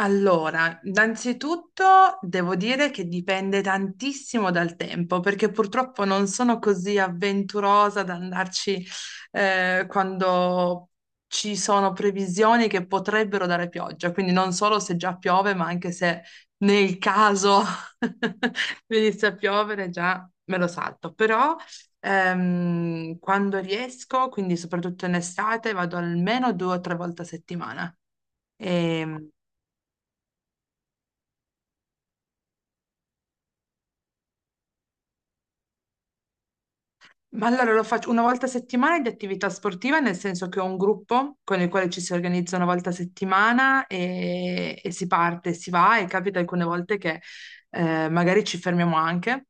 Allora, innanzitutto devo dire che dipende tantissimo dal tempo, perché purtroppo non sono così avventurosa ad andarci quando ci sono previsioni che potrebbero dare pioggia, quindi non solo se già piove, ma anche se nel caso venisse a piovere già me lo salto. Però quando riesco, quindi soprattutto in estate, vado almeno due o tre volte a settimana. E, Ma allora lo faccio una volta a settimana di attività sportiva, nel senso che ho un gruppo con il quale ci si organizza una volta a settimana e, si parte, si va, e capita alcune volte che magari ci fermiamo anche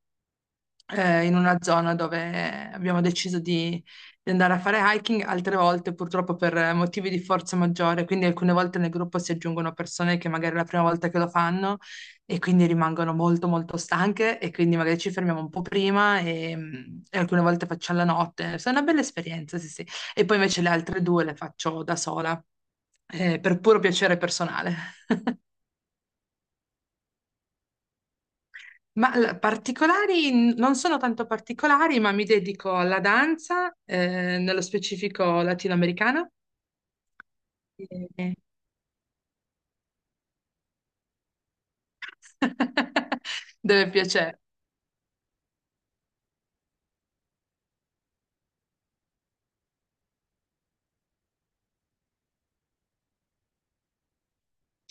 in una zona dove abbiamo deciso di andare a fare hiking. Altre volte, purtroppo, per motivi di forza maggiore, quindi alcune volte nel gruppo si aggiungono persone che magari è la prima volta che lo fanno e quindi rimangono molto molto stanche, e quindi magari ci fermiamo un po' prima e, alcune volte faccio alla notte. È una bella esperienza, sì, sì. E poi invece le altre due le faccio da sola, per puro piacere personale. Ma particolari, non sono tanto particolari, ma mi dedico alla danza, nello specifico latinoamericana, eh, dove piace.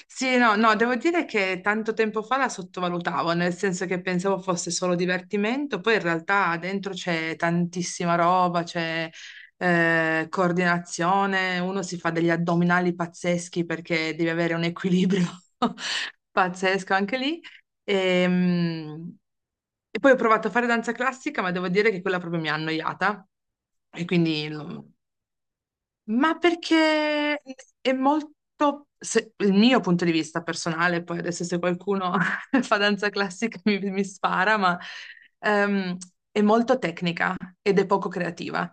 Sì, no, no, devo dire che tanto tempo fa la sottovalutavo, nel senso che pensavo fosse solo divertimento, poi in realtà dentro c'è tantissima roba, c'è coordinazione, uno si fa degli addominali pazzeschi perché devi avere un equilibrio pazzesco anche lì. Ehm, E poi ho provato a fare danza classica, ma devo dire che quella proprio mi ha annoiata e quindi ma perché è molto, il mio punto di vista personale, poi adesso se qualcuno fa danza classica mi spara, ma ehm, è molto tecnica ed è poco creativa.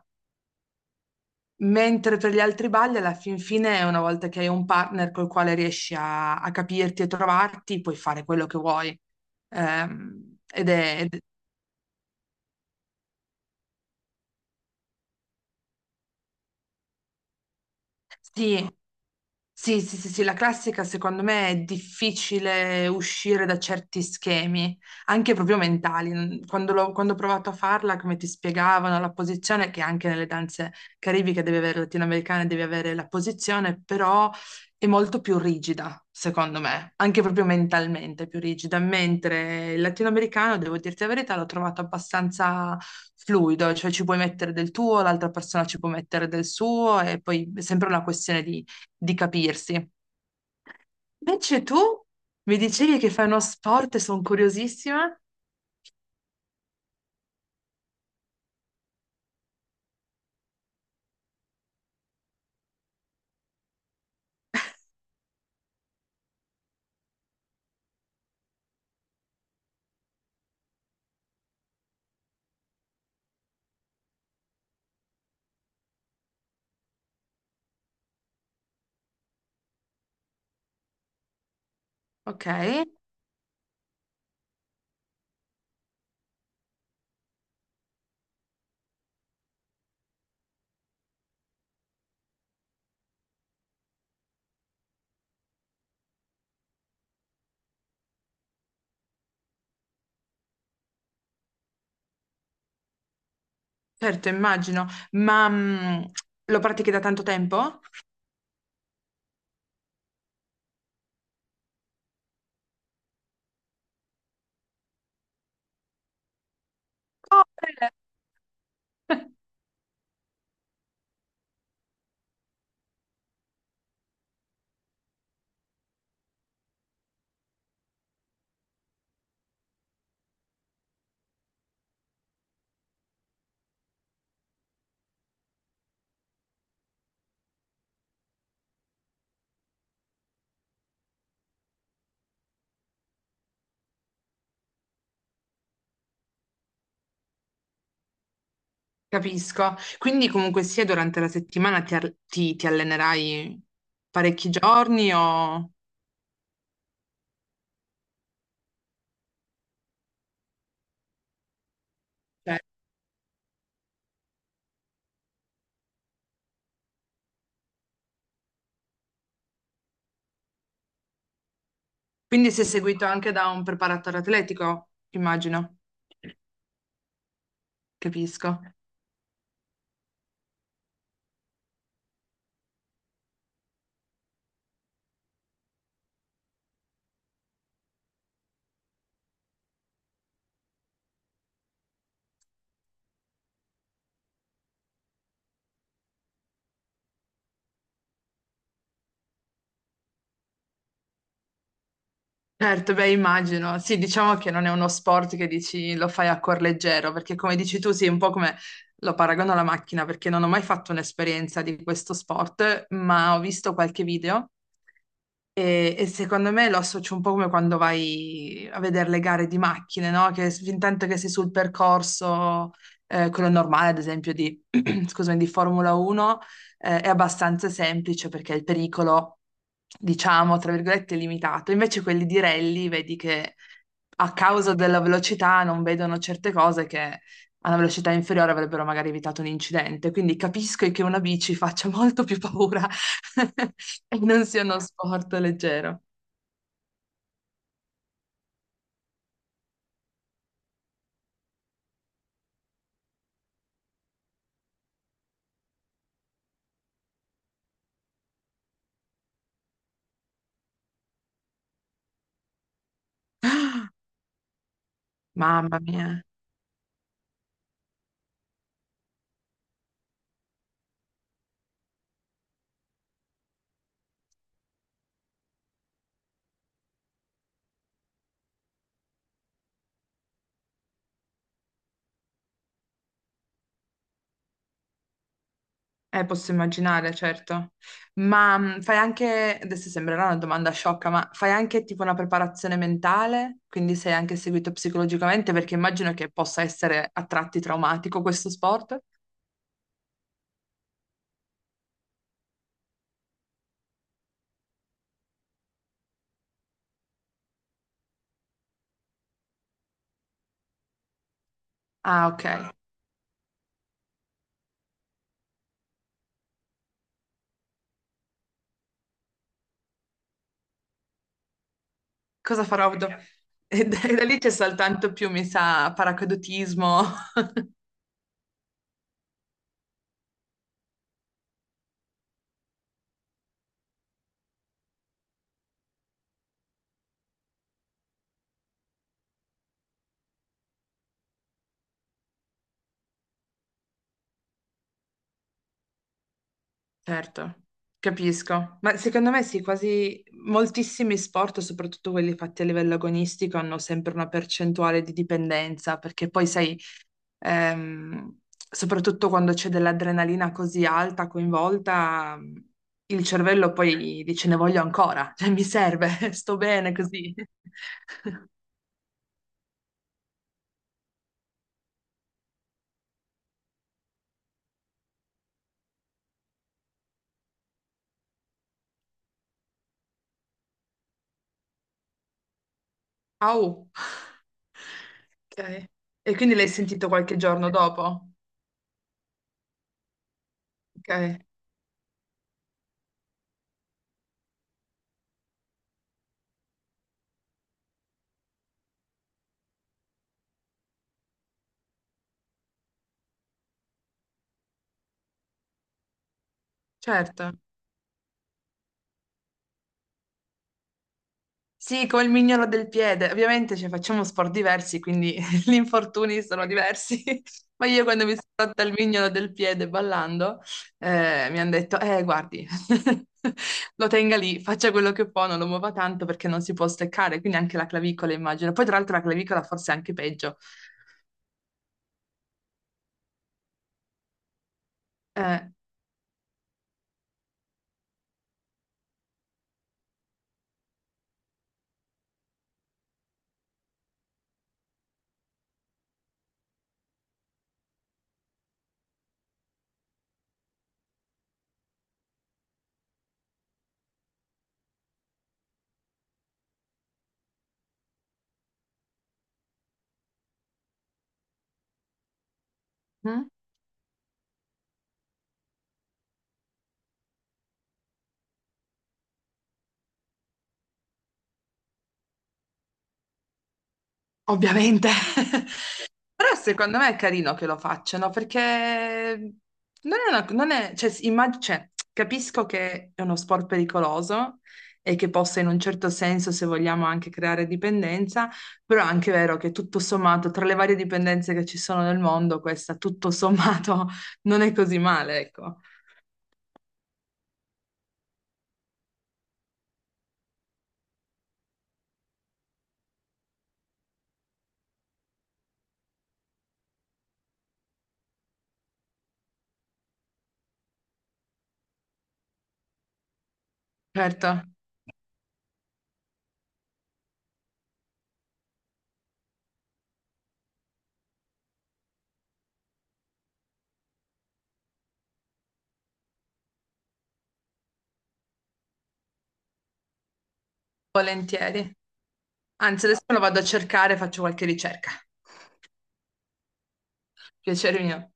Mentre per gli altri balli, alla fin fine, una volta che hai un partner col quale riesci a capirti e trovarti, puoi fare quello che vuoi. Ehm, ed è, ed- sì, sì, sì, sì, sì, la classica secondo me è difficile uscire da certi schemi, anche proprio mentali. Quando, quando ho provato a farla, come ti spiegavano, la posizione, che anche nelle danze caribiche deve avere, latinoamericane deve avere la posizione, però è molto più rigida, secondo me, anche proprio mentalmente più rigida, mentre il latinoamericano, devo dirti la verità, l'ho trovato abbastanza fluido, cioè ci puoi mettere del tuo, l'altra persona ci può mettere del suo, e poi è sempre una questione di capirsi. Invece tu mi dicevi che fai uno sport e sono curiosissima. Ok, certo, immagino, ma lo pratichi da tanto tempo? Correre. Capisco. Quindi comunque sia durante la settimana ti allenerai parecchi giorni o... Certo. Quindi sei seguito anche da un preparatore atletico, immagino. Capisco. Certo, beh, immagino. Sì, diciamo che non è uno sport che dici lo fai a cuor leggero, perché come dici tu, sì, un po' come lo paragono alla macchina, perché non ho mai fatto un'esperienza di questo sport, ma ho visto qualche video, e, secondo me lo associo un po' come quando vai a vedere le gare di macchine, no? Fin tanto che sei sul percorso, quello normale, ad esempio, di, scusami, di Formula 1, è abbastanza semplice perché il pericolo, diciamo, tra virgolette, è limitato. Invece quelli di rally, vedi che a causa della velocità non vedono certe cose che a una velocità inferiore avrebbero magari evitato un incidente. Quindi capisco che una bici faccia molto più paura e non sia uno sport leggero. Mamma mia, posso immaginare, certo. Ma fai anche, adesso sembrerà una domanda sciocca, ma fai anche tipo una preparazione mentale? Quindi sei anche seguito psicologicamente? Perché immagino che possa essere a tratti traumatico questo sport. Ah, ok. Cosa farò? E da lì c'è soltanto più, mi sa, paracadutismo. Certo, capisco. Ma secondo me sì, quasi moltissimi sport, soprattutto quelli fatti a livello agonistico, hanno sempre una percentuale di dipendenza, perché poi sai, ehm, soprattutto quando c'è dell'adrenalina così alta coinvolta, il cervello poi dice ne voglio ancora, cioè mi serve, sto bene così. Au. Ok. E quindi l'hai sentito qualche giorno dopo? Ok, certo. Sì, come il mignolo del piede. Ovviamente cioè, facciamo sport diversi, quindi gli infortuni sono diversi. Ma io quando mi sono rotta il mignolo del piede ballando, mi hanno detto, guardi, lo tenga lì, faccia quello che può, non lo muova tanto perché non si può steccare, quindi anche la clavicola immagino. Poi tra l'altro la clavicola forse è anche peggio. Eh, mm? Ovviamente. Però secondo me è carino che lo facciano perché non è, cioè, capisco che è uno sport pericoloso e che possa in un certo senso, se vogliamo, anche creare dipendenza, però è anche vero che tutto sommato, tra le varie dipendenze che ci sono nel mondo, questa tutto sommato non è così male, ecco. Certo, volentieri. Anzi, adesso lo vado a cercare, faccio qualche ricerca. Piacere mio.